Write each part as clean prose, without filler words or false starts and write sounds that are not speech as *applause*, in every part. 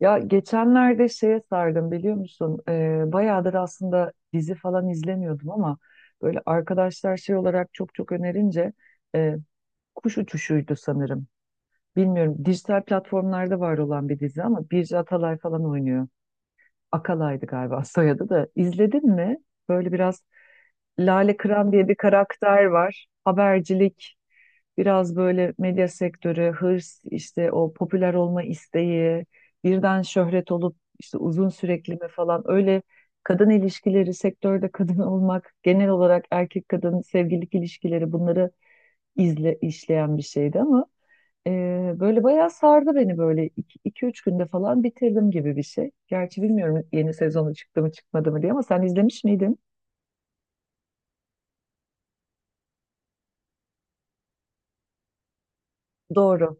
Ya geçenlerde şeye sardım biliyor musun? Bayağıdır aslında dizi falan izlemiyordum ama böyle arkadaşlar şey olarak çok önerince e, Kuş Uçuşu'ydu sanırım. Bilmiyorum dijital platformlarda var olan bir dizi ama Birce Atalay falan oynuyor. Akalay'dı galiba *laughs* soyadı da. İzledin mi? Böyle biraz Lale Kıran diye bir karakter var. Habercilik, biraz böyle medya sektörü, hırs, işte o popüler olma isteği, birden şöhret olup işte uzun sürekli mi falan öyle kadın ilişkileri, sektörde kadın *laughs* olmak, genel olarak erkek kadın sevgililik ilişkileri bunları izle, işleyen bir şeydi ama e, böyle bayağı sardı beni böyle iki iki üç günde falan bitirdim gibi bir şey. Gerçi bilmiyorum yeni sezonu çıktı mı çıkmadı mı diye ama sen izlemiş miydin? Doğru.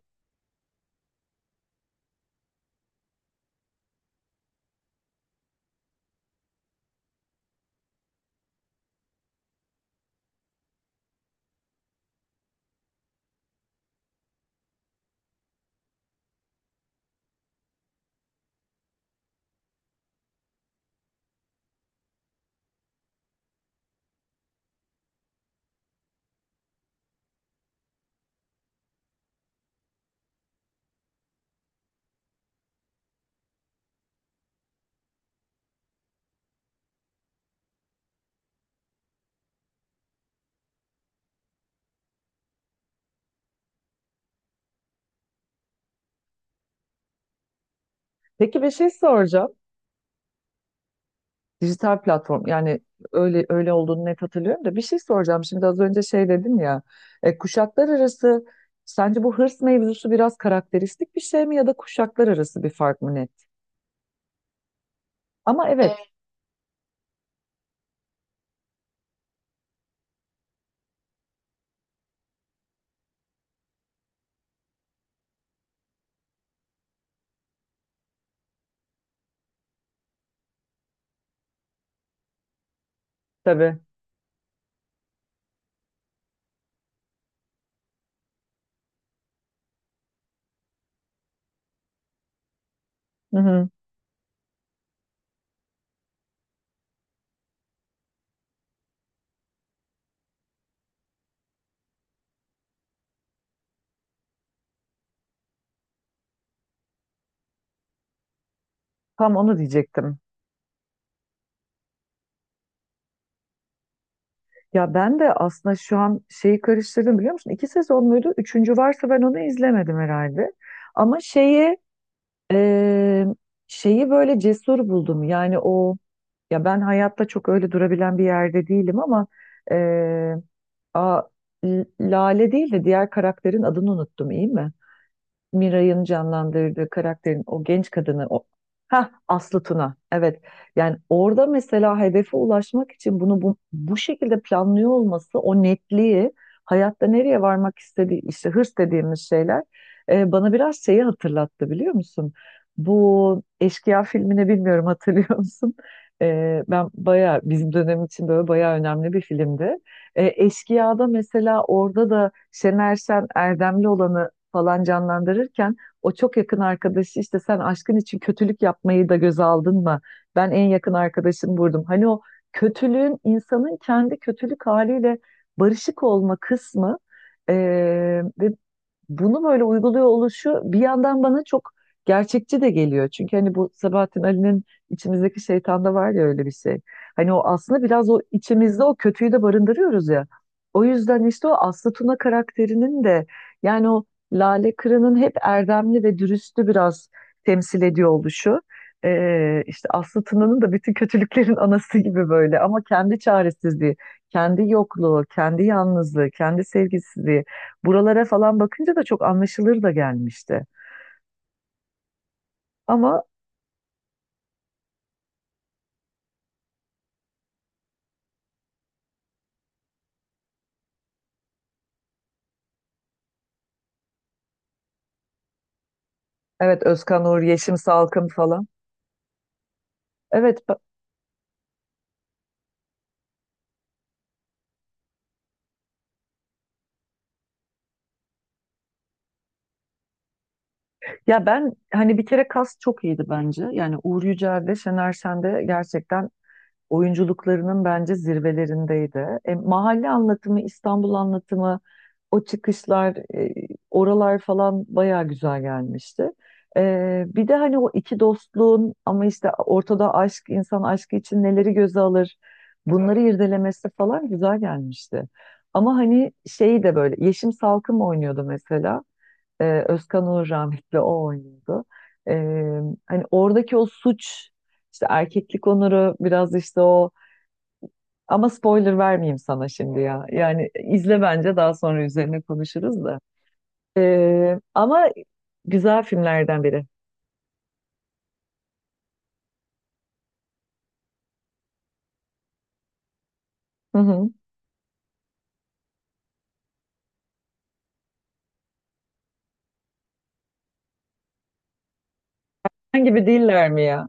Peki bir şey soracağım. Dijital platform yani öyle olduğunu net hatırlıyorum da bir şey soracağım. Şimdi az önce şey dedim ya kuşaklar arası sence bu hırs mevzusu biraz karakteristik bir şey mi ya da kuşaklar arası bir fark mı net? Ama evet, evet. Tabii. Hı hı. Tam onu diyecektim. Ya ben de aslında şu an şeyi karıştırdım biliyor musun? İki sezon muydu? Üçüncü varsa ben onu izlemedim herhalde. Ama şeyi e, şeyi böyle cesur buldum. Yani o, ya ben hayatta çok öyle durabilen bir yerde değilim ama eee, a, Lale değil de diğer karakterin adını unuttum iyi mi? Miray'ın canlandırdığı karakterin o genç kadını o, ha Aslı Tuna, evet, yani orada mesela hedefe ulaşmak için bunu bu şekilde planlıyor olması o netliği, hayatta nereye varmak istediği işte hırs dediğimiz şeyler bana biraz şeyi hatırlattı biliyor musun? Bu Eşkıya filmini bilmiyorum *laughs* hatırlıyor musun? Ben bayağı bizim dönem için böyle bayağı önemli bir filmdi. Eşkıya'da mesela orada da Şener Şen Erdemli olanı falan canlandırırken o çok yakın arkadaşı işte sen aşkın için kötülük yapmayı da göze aldın mı? Ben en yakın arkadaşım vurdum. Hani o kötülüğün insanın kendi kötülük haliyle barışık olma kısmı ve bunu böyle uyguluyor oluşu bir yandan bana çok gerçekçi de geliyor. Çünkü hani bu Sabahattin Ali'nin içimizdeki şeytanda var ya öyle bir şey. Hani o aslında biraz o içimizde o kötüyü de barındırıyoruz ya. O yüzden işte o Aslı Tuna karakterinin de yani o Lale Kırı'nın hep erdemli ve dürüstü biraz temsil ediyor oluşu. İşte Aslı Tuna'nın da bütün kötülüklerin anası gibi böyle ama kendi çaresizliği, kendi yokluğu, kendi yalnızlığı, kendi sevgisizliği. Buralara falan bakınca da çok anlaşılır da gelmişti. Ama evet, Özkan Uğur, Yeşim Salkım falan. Evet. Ya ben hani bir kere kas çok iyiydi bence. Yani Uğur Yücel de Şener Şen de gerçekten oyunculuklarının bence zirvelerindeydi. Mahalle anlatımı, İstanbul anlatımı, o çıkışlar, oralar falan bayağı güzel gelmişti. Bir de hani o iki dostluğun ama işte ortada aşk, insan aşkı için neleri göze alır, bunları irdelemesi falan güzel gelmişti. Ama hani şeyi de böyle, Yeşim Salkım oynuyordu mesela. Özkan Uğur rahmetli o oynuyordu. E, Hani oradaki o suç, işte erkeklik onuru biraz işte o, ama spoiler vermeyeyim sana şimdi ya. Yani izle, bence daha sonra üzerine konuşuruz da. Ama güzel filmlerden biri. Hı hı. Ergen gibi değiller mi ya?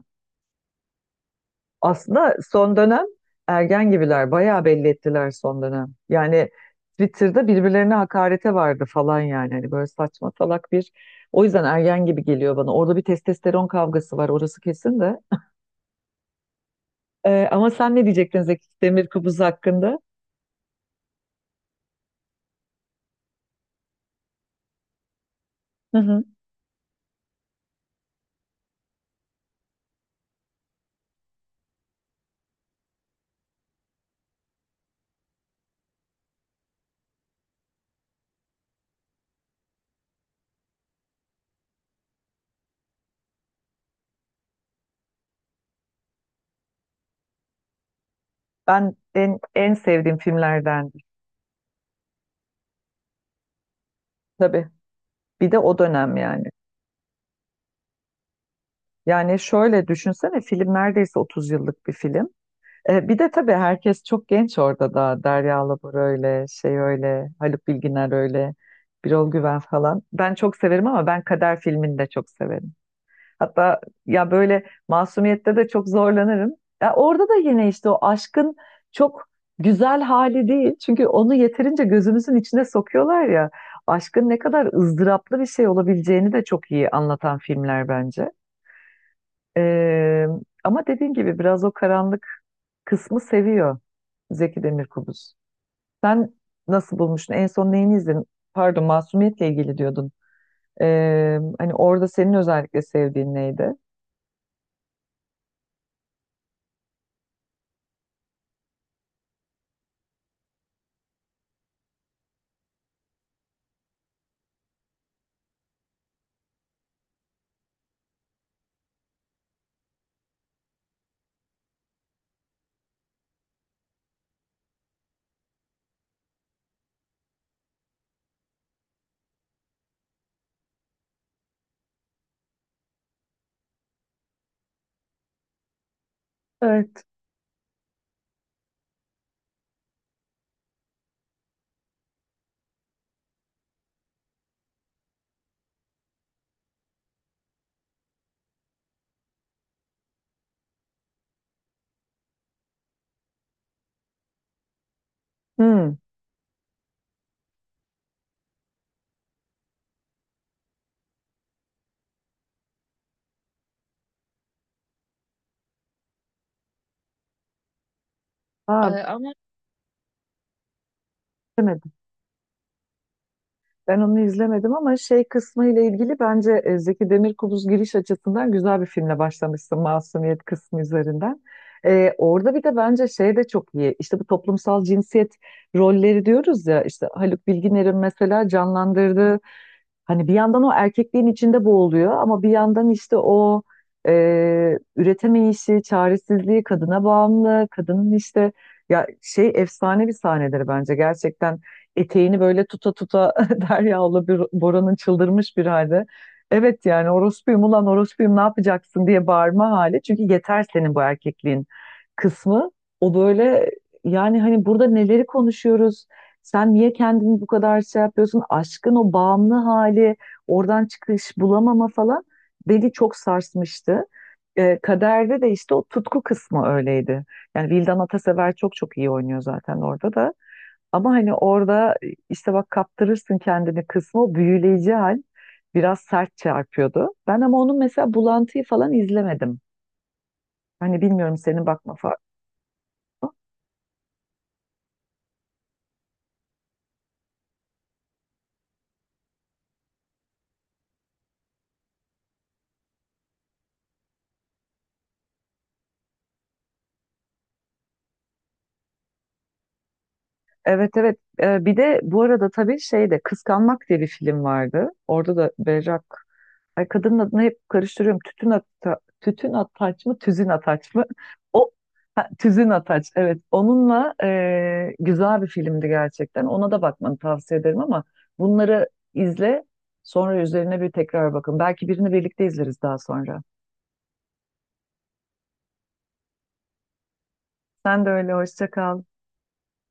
Aslında son dönem ergen gibiler. Bayağı belli ettiler son dönem. Yani Twitter'da birbirlerine hakarete vardı falan yani. Hani böyle saçma salak bir... O yüzden ergen gibi geliyor bana. Orada bir testosteron kavgası var, orası kesin de. Ama sen ne diyecektin Zeki Demir Kubuz hakkında? Hı hı. Ben en, en sevdiğim filmlerden. Tabii. Bir de o dönem yani. Yani şöyle düşünsene film neredeyse 30 yıllık bir film. Bir de tabii herkes çok genç orada da. Derya Alabor öyle, şey öyle, Haluk Bilginer öyle, Birol Güven falan. Ben çok severim ama ben Kader filmini de çok severim. Hatta ya böyle masumiyette de çok zorlanırım. Ya orada da yine işte o aşkın çok güzel hali değil. Çünkü onu yeterince gözümüzün içine sokuyorlar ya. Aşkın ne kadar ızdıraplı bir şey olabileceğini de çok iyi anlatan filmler bence. Ee, Ama dediğin gibi biraz o karanlık kısmı seviyor Zeki Demirkubuz. Sen nasıl bulmuştun? En son neyini izledin? Pardon, Masumiyet'le ilgili diyordun. Hani orada senin özellikle sevdiğin neydi? Evet. Hmm. Aa, ama Ben onu izlemedim ama şey kısmı ile ilgili bence Zeki Demirkubuz giriş açısından güzel bir filmle başlamışsın Masumiyet kısmı üzerinden. Orada bir de bence şey de çok iyi. İşte bu toplumsal cinsiyet rolleri diyoruz ya işte Haluk Bilginer'in mesela canlandırdığı, hani bir yandan o erkekliğin içinde boğuluyor ama bir yandan işte o e, üretemeyişi, çaresizliği, kadına bağımlı, kadının işte, ya şey efsane bir sahneleri bence gerçekten, eteğini böyle tuta tuta Derya'la bir Bora'nın çıldırmış bir halde. Evet, yani orospuyum ulan orospuyum ne yapacaksın diye bağırma hali. Çünkü yeter senin bu erkekliğin kısmı. O böyle, yani hani burada neleri konuşuyoruz? Sen niye kendini bu kadar şey yapıyorsun? Aşkın o bağımlı hali, oradan çıkış bulamama falan beni çok sarsmıştı. Kaderde de işte o tutku kısmı öyleydi. Yani Vildan Atasever çok çok iyi oynuyor zaten orada da. Ama hani orada işte bak kaptırırsın kendini kısmı, o büyüleyici hal biraz sert çarpıyordu. Ben ama onun mesela bulantıyı falan izlemedim. Hani bilmiyorum senin bakma farkı. Evet, evet. Bir de bu arada tabii şey de Kıskanmak diye bir film vardı. Orada da Berrak, ay kadının adını hep karıştırıyorum. Tütün ata, tütün ataç mı, tüzün ataç mı? O, ha, tüzün ataç. Evet, onunla güzel bir filmdi gerçekten. Ona da bakmanı tavsiye ederim ama bunları izle. Sonra üzerine bir tekrar bakın. Belki birini birlikte izleriz daha sonra. Sen de öyle. Hoşça kal.